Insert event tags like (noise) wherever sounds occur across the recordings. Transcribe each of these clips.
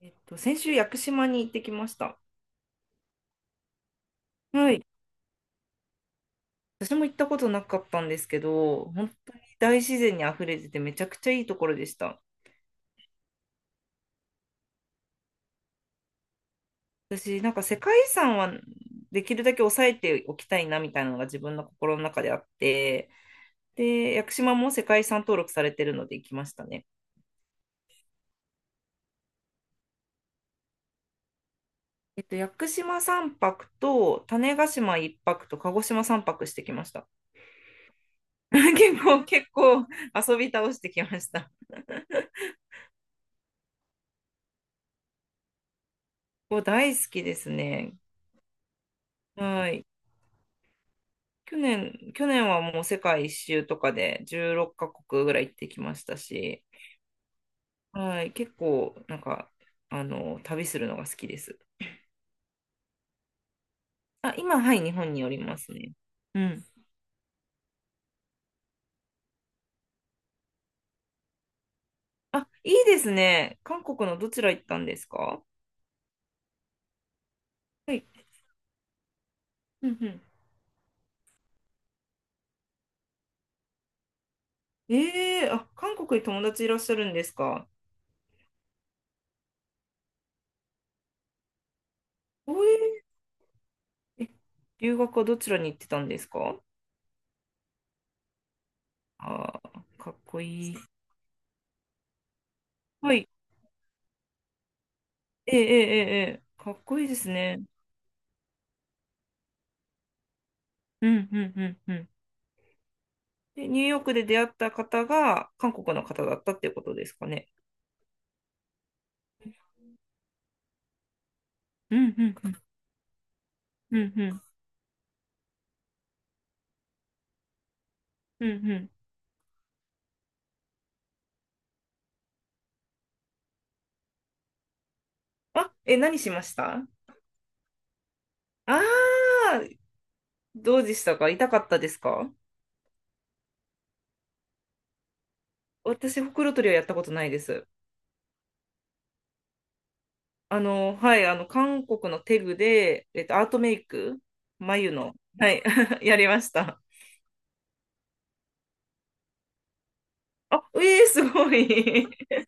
先週、屋久島に行ってきました。はい。私も行ったことなかったんですけど、本当に大自然にあふれてて、めちゃくちゃいいところでした。私、なんか世界遺産はできるだけ抑えておきたいなみたいなのが自分の心の中であって、で、屋久島も世界遺産登録されてるので行きましたね。屋久島3泊と、種子島1泊と、鹿児島3泊してきました。(laughs) 結構遊び倒してきました。ここ大好きですね。はい。去年はもう世界一周とかで16カ国ぐらい行ってきましたし、はい、結構なんか、旅するのが好きです。あ、今、はい、日本におりますね。うん。あ、いいですね。韓国のどちら行ったんですか？はい。うんうん。ええあ、韓国に友達いらっしゃるんですか？おえー、え、留学はどちらに行ってたんですか？あー、かっこいい。はい。ええええええ、かっこいいですね。うんうんうんうん。で、ニューヨークで出会った方が韓国の方だったっていうことですかね。うんうんうんうんうんうんうん。あ、え、何しましたあ？あー、どうでしたか？痛かったですか？私、ほくろ取りはやったことないです。はい、韓国のテグで、アートメイク、眉の、はい、(laughs) やりました。あ、ええすごい。(laughs)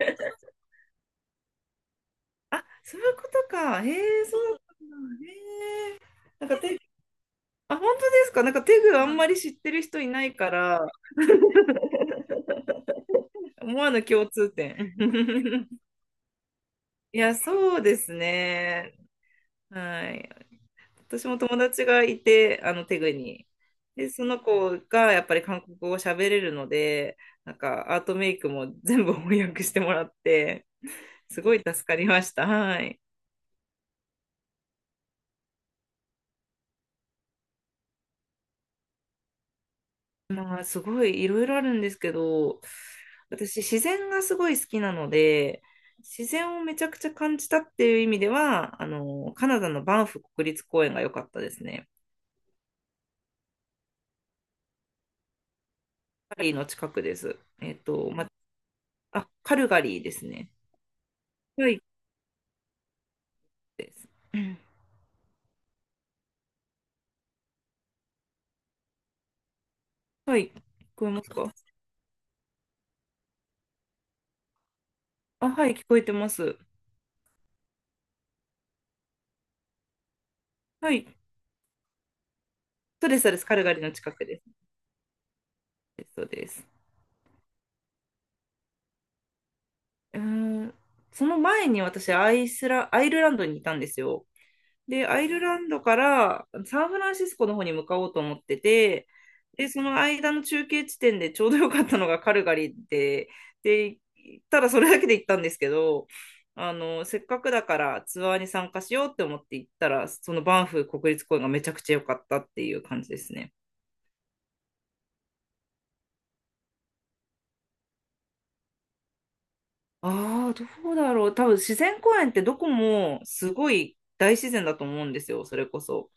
あ、そういうことか。へえ、そうなんだ。へえ、なんかテグ、あ、本当ですか？なんかテグあんまり知ってる人いないから、思わぬ共通点。(laughs) いや、そうですね。はい。私も友達がいて、テグに。で、その子がやっぱり韓国語を喋れるので、なんかアートメイクも全部翻訳してもらって、すごい助かりました。はい。まあ、すごいいろいろあるんですけど、私、自然がすごい好きなので、自然をめちゃくちゃ感じたっていう意味では、カナダのバンフ国立公園が良かったですね。カルガリーの近くです。あ、カルガリーですね。はい、です。うん。はい、聞こえますか？あ、はい、聞こえてます。はい、そうです、そうです。カルガリーの近くです。そうです。うーん、その前に私、アイルランドにいたんですよ。で、アイルランドからサンフランシスコの方に向かおうと思ってて、で、その間の中継地点でちょうどよかったのがカルガリーで、で、行ったらそれだけで行ったんですけど、せっかくだからツアーに参加しようって思って行ったら、そのバンフ国立公園がめちゃくちゃ良かったっていう感じですね。ああ、どうだろう。多分自然公園ってどこもすごい大自然だと思うんですよ、それこそ。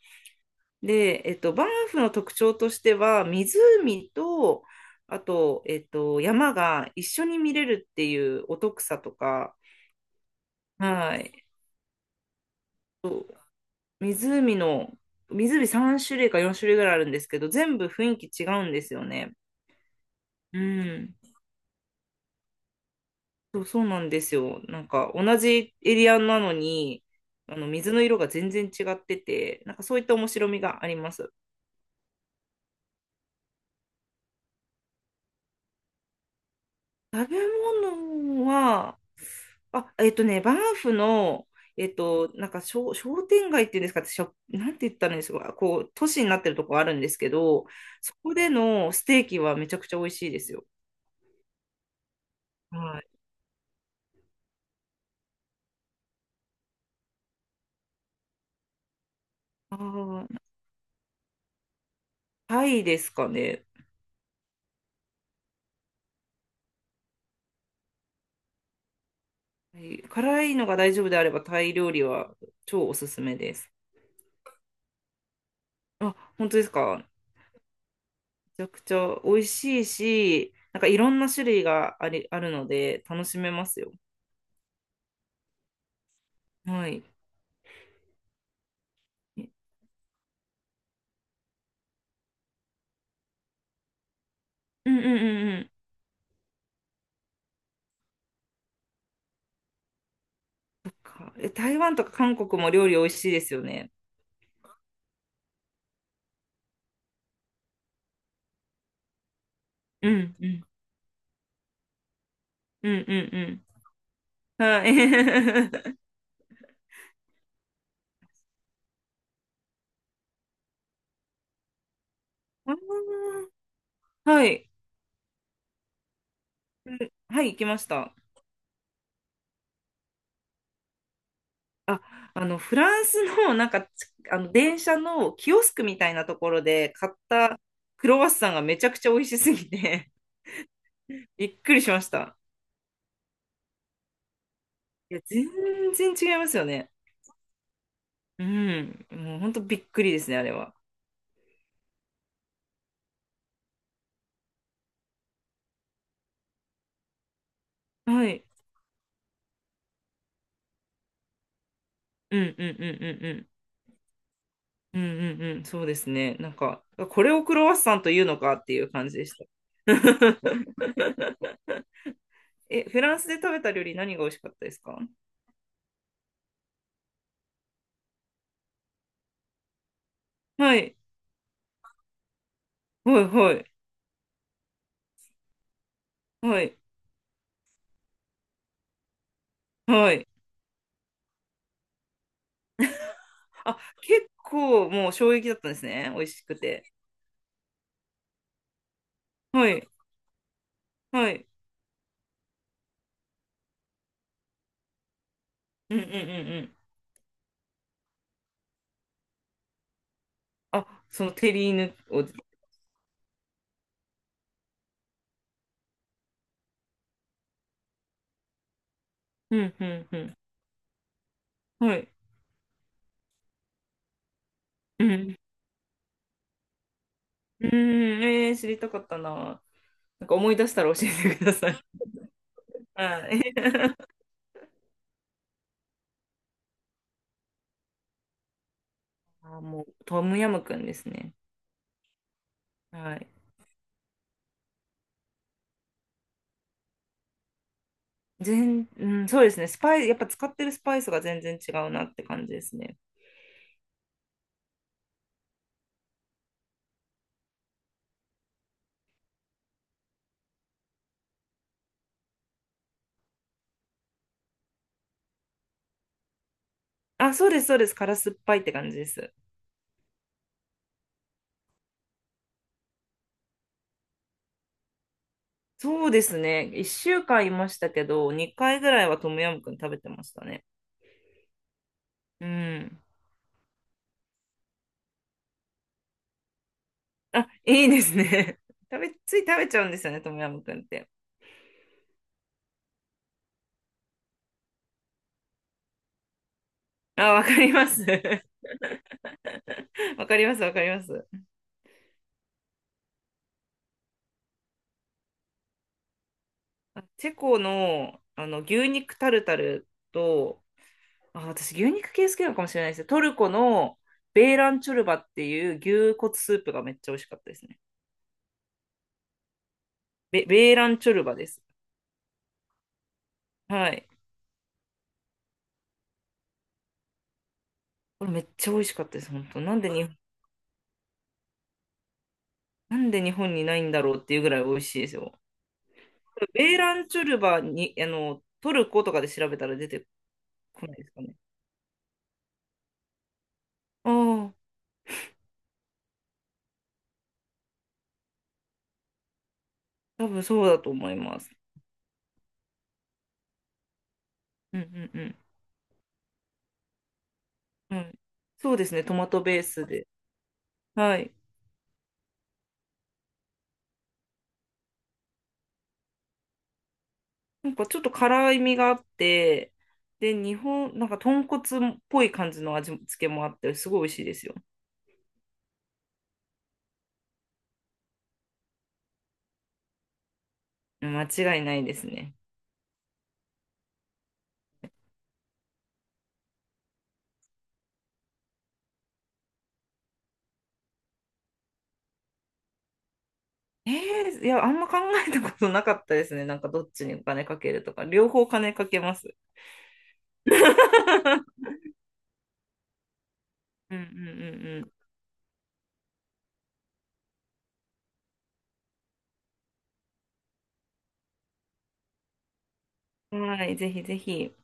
で、バンフの特徴としては、湖と、あと、山が一緒に見れるっていうお得さとか、はい。そう、湖の、湖3種類か4種類ぐらいあるんですけど、全部雰囲気違うんですよね。うん。そう、そうなんですよ。なんか、同じエリアなのに、水の色が全然違ってて、なんかそういった面白みがあります。食べ物は、あ、バンフの、なんか商店街っていうんですか、なんて言ったらいいんですか、こう、都市になってるとこあるんですけど、そこでのステーキはめちゃくちゃ美味しいですよ。はい。あー、タイですかね。はい、辛いのが大丈夫であれば、タイ料理は超おすすめです。あ、本当ですか。めちゃくちゃ美味しいし、なんかいろんな種類があるので、楽しめますよ。はい。うんうんうんうん。かえ台湾とか韓国も料理美味しいですよね。うん、うん、うん、うん、うん。はい。(laughs) あー、はい、はい、行きました。あ、フランスの、なんか、つあの、電車のキオスクみたいなところで買ったクロワッサンがめちゃくちゃ美味しすぎて (laughs) びっくりしました。いや、全然違いますよね。うん。もう本当びっくりですね、あれは。はい。うん、うん、うん、うん、うん。うんうんうん、そうですね。なんか、これをクロワッサンというのかっていう感じでした。(laughs) え、フランスで食べた料理何が美味しかったですか？はい、はい、はい、はい、はい。あ、結構もう衝撃だったんですね。美味しくて。はい、はい。うんうんうんうん。あ、そのテリーヌを。うんうんうん。はい。うん。うん、えー、知りたかったな。なんか思い出したら教えてください。(laughs) はい。(laughs) あ、もうトムヤムクンですね。はい。うん、そうですね。スパイ、やっぱ使ってるスパイスが全然違うなって感じですね。あ、そうです、そうです。辛酸っぱいって感じです。そうですね。1週間いましたけど、2回ぐらいはトムヤムクン食べてましたね。うん。あ、いいですね。(laughs) つい食べちゃうんですよね、トムヤムクンって。あ、わかります。(laughs) わかります、わかります。あ、チェコの、牛肉タルタルと、あ、私、牛肉系好きなのかもしれないですね。トルコのベーランチョルバっていう牛骨スープがめっちゃ美味しかったですね。ベーランチョルバです。はい。これめっちゃ美味しかったです、本当。なんで日本にないんだろうっていうぐらい美味しいですよ。ベーランチョルバに、トルコとかで調べたら出てこないですかね。ああ、多分そうだと思います。うんうんうん。はい。そうですね、トマトベースで。はい。なんかちょっと辛いみがあって、で、日本、なんか豚骨っぽい感じの味付けもあって、すごい美味しいですよ。間違いないですね。いや、あんま考えたことなかったですね。なんかどっちにお金かけるとか、両方金かけます。(laughs) うんうんうんうん。はい、ぜひぜひ。